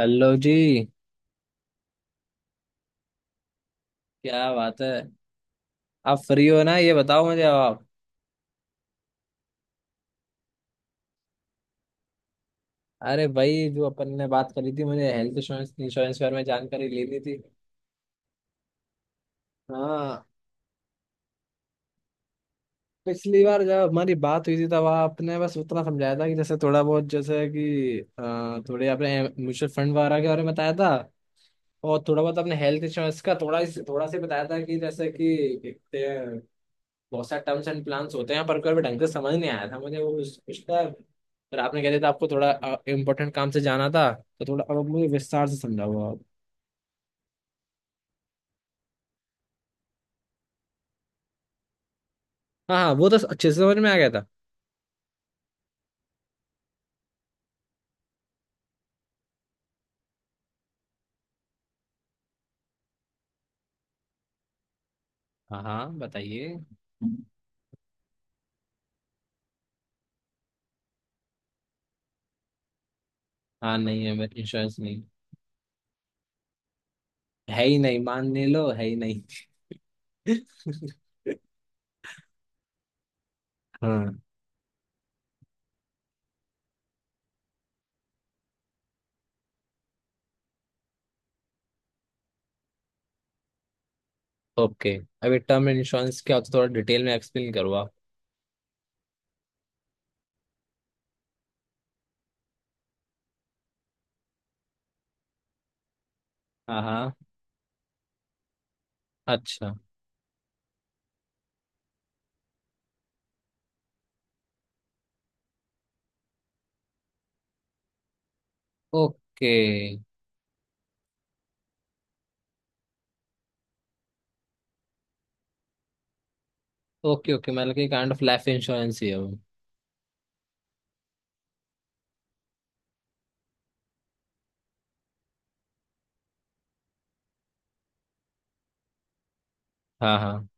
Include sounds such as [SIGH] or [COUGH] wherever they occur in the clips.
Hello जी। क्या बात है। आप फ्री हो ना, ये बताओ मुझे अब आप। अरे भाई, जो अपन ने बात करी थी, मुझे हेल्थ इंश्योरेंस इंश्योरेंस के बारे में जानकारी लेनी थी। हाँ, पिछली बार जब हमारी बात हुई थी तब आपने बस उतना समझाया था कि जैसे थोड़ा बहुत, जैसे कि थोड़े आपने म्यूचुअल फंड वगैरह के बारे में बताया था। और थोड़ा बहुत आपने हेल्थ इंश्योरेंस का थोड़ा सा बताया था कि जैसे कि बहुत सारे टर्म्स एंड प्लान्स होते हैं, पर कोई ढंग से समझ नहीं आया था मुझे वो उसका। फिर आपने कह दिया था आपको थोड़ा इम्पोर्टेंट काम से जाना था। तो थोड़ा अब मुझे विस्तार से समझाओ आप। हाँ हाँ, वो तो अच्छे से समझ में आ गया था। हाँ हाँ, बताइए। हाँ, नहीं है, इंश्योरेंस नहीं। है ही नहीं, मान नहीं लो, है ही नहीं। [LAUGHS] हाँ। ओके। अभी टर्म इंश्योरेंस क्या होता है, थोड़ा डिटेल में एक्सप्लेन करो आप। हाँ हाँ। अच्छा। ओके ओके ओके, मतलब कि काइंड ऑफ लाइफ इंश्योरेंस ही है वो। हाँ हाँ।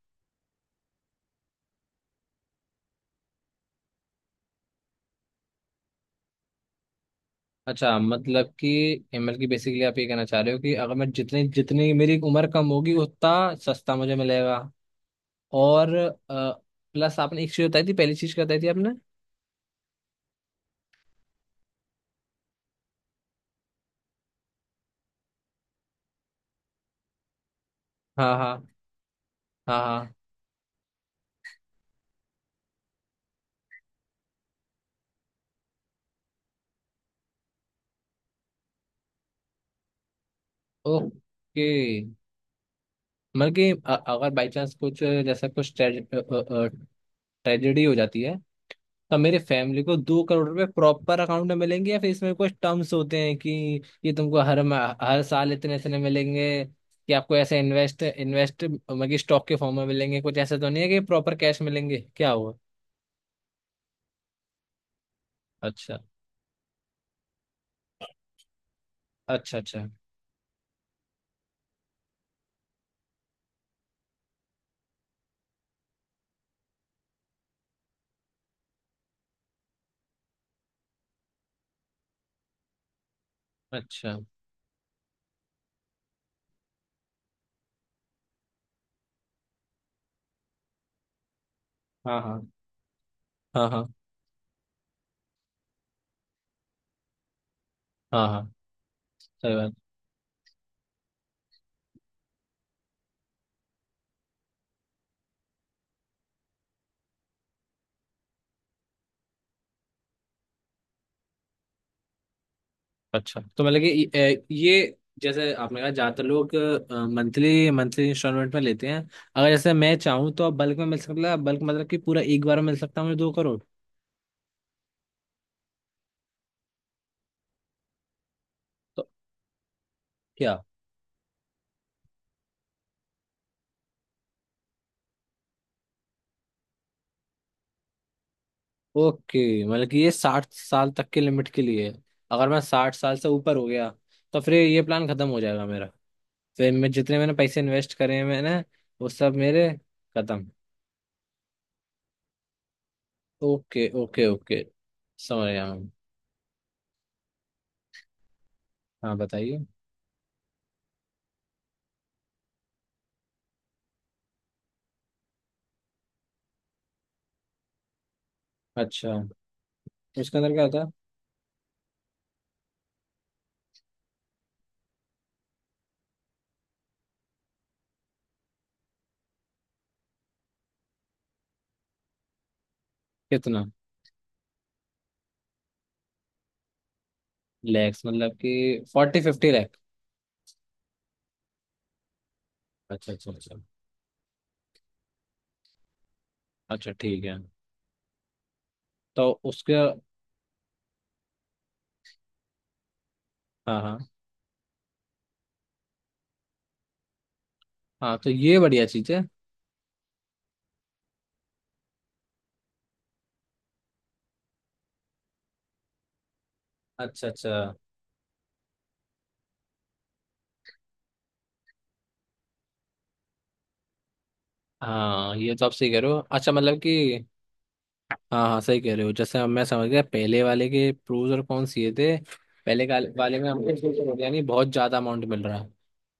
अच्छा, मतलब कि एमएल की, बेसिकली आप ये कहना चाह रहे हो कि अगर मैं, जितनी जितनी मेरी उम्र कम होगी, उतना सस्ता मुझे मिलेगा। और प्लस आपने एक चीज बताई थी, पहली चीज बताई थी आपने। हाँ हाँ। हाँ हाँ। ओके, मतलब कि अगर बाई चांस कुछ, जैसा कुछ ट्रेजेडी हो जाती है, अब मेरे फैमिली को 2 करोड़ रुपए प्रॉपर अकाउंट में मिलेंगे, या फिर इसमें कुछ टर्म्स होते हैं कि ये तुमको हर साल इतने इतने मिलेंगे, कि आपको ऐसे इन्वेस्ट इन्वेस्ट मतलब कि स्टॉक के फॉर्म में मिलेंगे, कुछ ऐसा तो नहीं है कि प्रॉपर कैश मिलेंगे, क्या हुआ। अच्छा अच्छा। अच्छा अच्छा। हाँ हाँ। हाँ हाँ। हाँ हाँ। सही बात। अच्छा तो मतलब कि, ये जैसे आपने कहा ज्यादातर लोग मंथली मंथली इंस्टॉलमेंट में लेते हैं। अगर जैसे मैं चाहूँ, तो आप बल्क में मिल सकता है, बल्क मतलब कि पूरा एक बार में मिल सकता है मुझे 2 करोड़। तो क्या। ओके, मतलब कि ये 60 साल तक के लिमिट के लिए है। अगर मैं 60 साल से ऊपर हो गया तो फिर ये प्लान खत्म हो जाएगा मेरा। फिर मैं जितने मैंने पैसे इन्वेस्ट करे हैं मैंने, वो सब मेरे खत्म। ओके ओके ओके, समझ गया मैं। हाँ बताइए। अच्छा। उसके अंदर क्या था। कितना। लैक्स मतलब कि 40-50 लैख। अच्छा अच्छा अच्छा। अच्छा, ठीक है। तो उसके। हाँ हाँ। हाँ, तो ये बढ़िया चीज़ है। अच्छा अच्छा। हाँ, ये तो आप सही कह रहे हो। अच्छा, मतलब कि। हाँ हाँ, सही कह रहे हो, जैसे हम, मैं समझ गया। पहले वाले के प्रोज और कॉन्स ये थे। पहले वाले में हमको यानी बहुत ज्यादा अमाउंट मिल रहा है,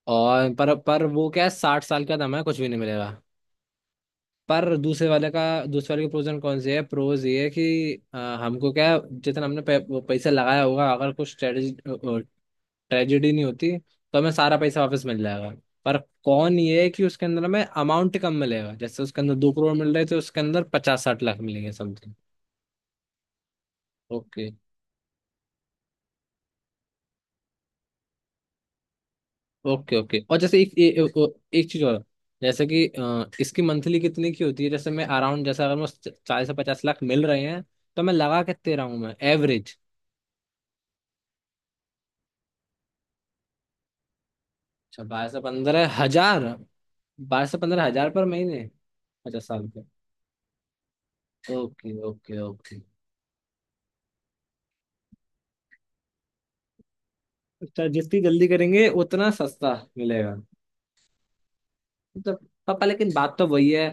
और पर वो क्या है, साठ साल का दम है, कुछ भी नहीं मिलेगा। पर दूसरे वाले के प्रोज एंड कॉन्स ये है, प्रोज ये है कि हमको क्या है, जितना हमने वो पैसा लगाया होगा, अगर कुछ ट्रेजेडी नहीं होती तो हमें सारा पैसा वापस मिल जाएगा। पर कौन ये है कि उसके अंदर हमें अमाउंट कम मिलेगा, जैसे उसके अंदर 2 करोड़ मिल रहे थे, उसके अंदर 50-60 लाख मिलेंगे समथिंग। Okay okay okay. और जैसे एक ए, ए, ओ- एक चीज और, जैसे कि इसकी मंथली कितने की होती है, जैसे मैं अराउंड, जैसे अगर मुझे 40 से 50 लाख मिल रहे हैं, तो मैं लगा कितने रहा हूँ मैं एवरेज। अच्छा, 12 से 15 हजार। 12 से 15 हजार पर महीने। 50 साल पे। Okay okay okay. अच्छा, जितनी जल्दी करेंगे उतना सस्ता मिलेगा। मतलब पापा, लेकिन बात तो वही है।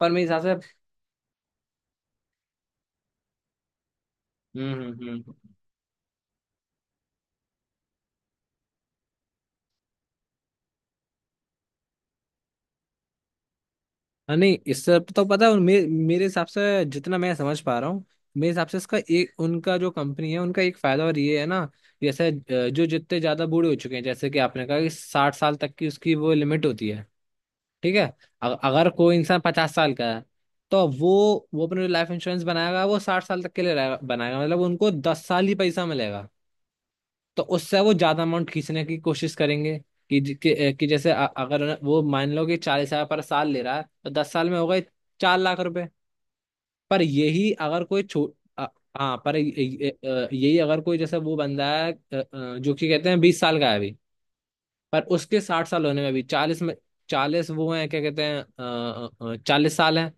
पर मेरे हिसाब से। हम्म। हाँ, नहीं इससे तो पता है, मेरे हिसाब से जितना मैं समझ पा रहा हूँ। मेरे हिसाब से इसका एक, उनका जो कंपनी है, उनका एक फायदा और ये है ना। जैसे जो जितने ज्यादा बूढ़े हो चुके हैं, जैसे कि आपने कहा कि 60 साल तक की उसकी वो लिमिट होती है, ठीक है। अगर कोई इंसान 50 साल का है, तो वो अपने लाइफ इंश्योरेंस बनाएगा, वो 60 साल तक के लिए बनाएगा, मतलब उनको 10 साल ही पैसा मिलेगा। तो उससे वो ज्यादा अमाउंट खींचने की कोशिश करेंगे, कि ज- कि, अ, कि जैसे अ- अगर वो मान लो कि 40 हजार पर साल ले रहा है, तो 10 साल में हो गए 4 लाख रुपए। पर यही अगर कोई छो अ, हाँ, पर यही अगर कोई, जैसे वो बंदा है, जो कि कहते हैं 20 साल का है अभी। पर उसके 60 साल होने में भी, चालीस में, चालीस वो हैं, क्या कहते हैं, 40 साल हैं।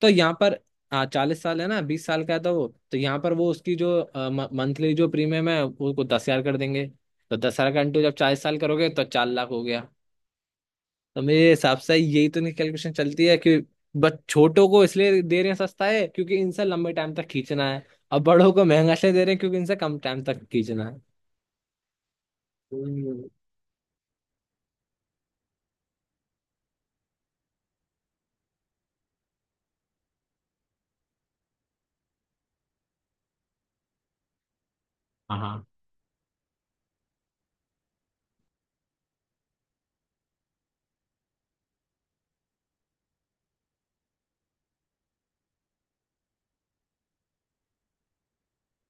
तो यहाँ पर। हाँ, 40 साल है ना, 20 साल का है, तो वो तो यहाँ पर वो उसकी जो मंथली, जो प्रीमियम है, उसको 10 हजार कर देंगे। तो 10 हजार का इंटू जब 40 साल करोगे तो 4 लाख हो गया। तो मेरे हिसाब से यही तो नहीं कैलकुलेशन चलती है कि बस छोटों को इसलिए दे रहे हैं सस्ता है क्योंकि इनसे लंबे टाइम तक खींचना है, और बड़ों को महंगा इसलिए दे रहे हैं क्योंकि इनसे कम टाइम तक खींचना है। हम्म। हाँ हाँ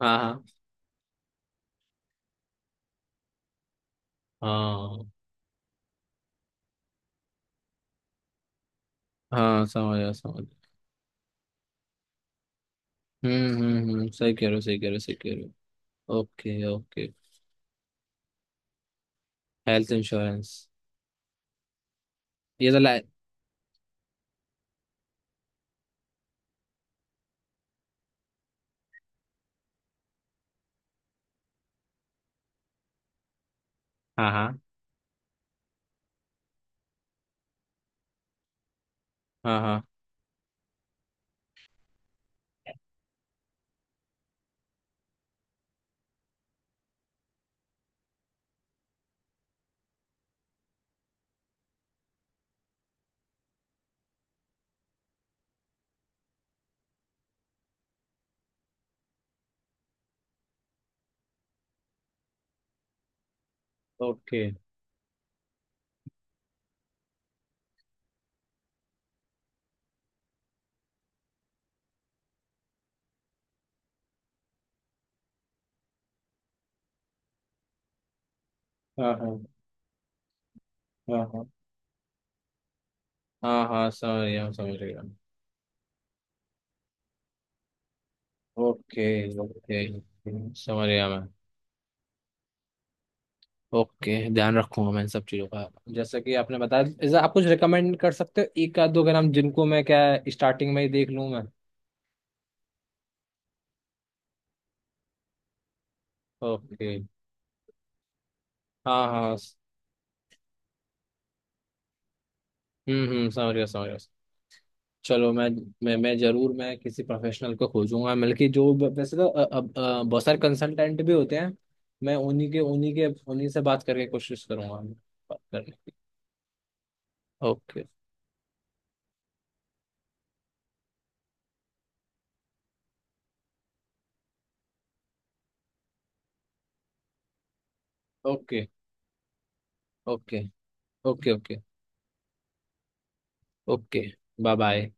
हाँ हाँ हाँ, समझ आया, समझ आया। हम्म, सही कह रहे हो, सही कह रहे हो, सही कह रहे हो। Okay okay. Health insurance. ये तो लाइ हाँ हाँ हाँ हाँ। ओके। हाँ हाँ हाँ हाँ हाँ हाँ, समझ गया मैं, समझ गया। ओके। ओके, समझ गया मैं। ओके, ध्यान रखूंगा मैं इन सब चीज़ों का। जैसा कि आपने बताया, जैसे आप कुछ रिकमेंड कर सकते हो, एक आध दो के नाम, जिनको मैं क्या स्टार्टिंग में ही देख लूँ मैं। ओके। हाँ हाँ हाँ। हम्म, समझ गया, समझ गया। चलो, मैं जरूर मैं किसी प्रोफेशनल को खोजूंगा, बल्कि जो वैसे तो अब बहुत सारे कंसल्टेंट भी होते हैं, मैं उन्हीं से बात करके कोशिश करूंगा बात करने की। Okay. Okay okay okay okay okay. Bye bye.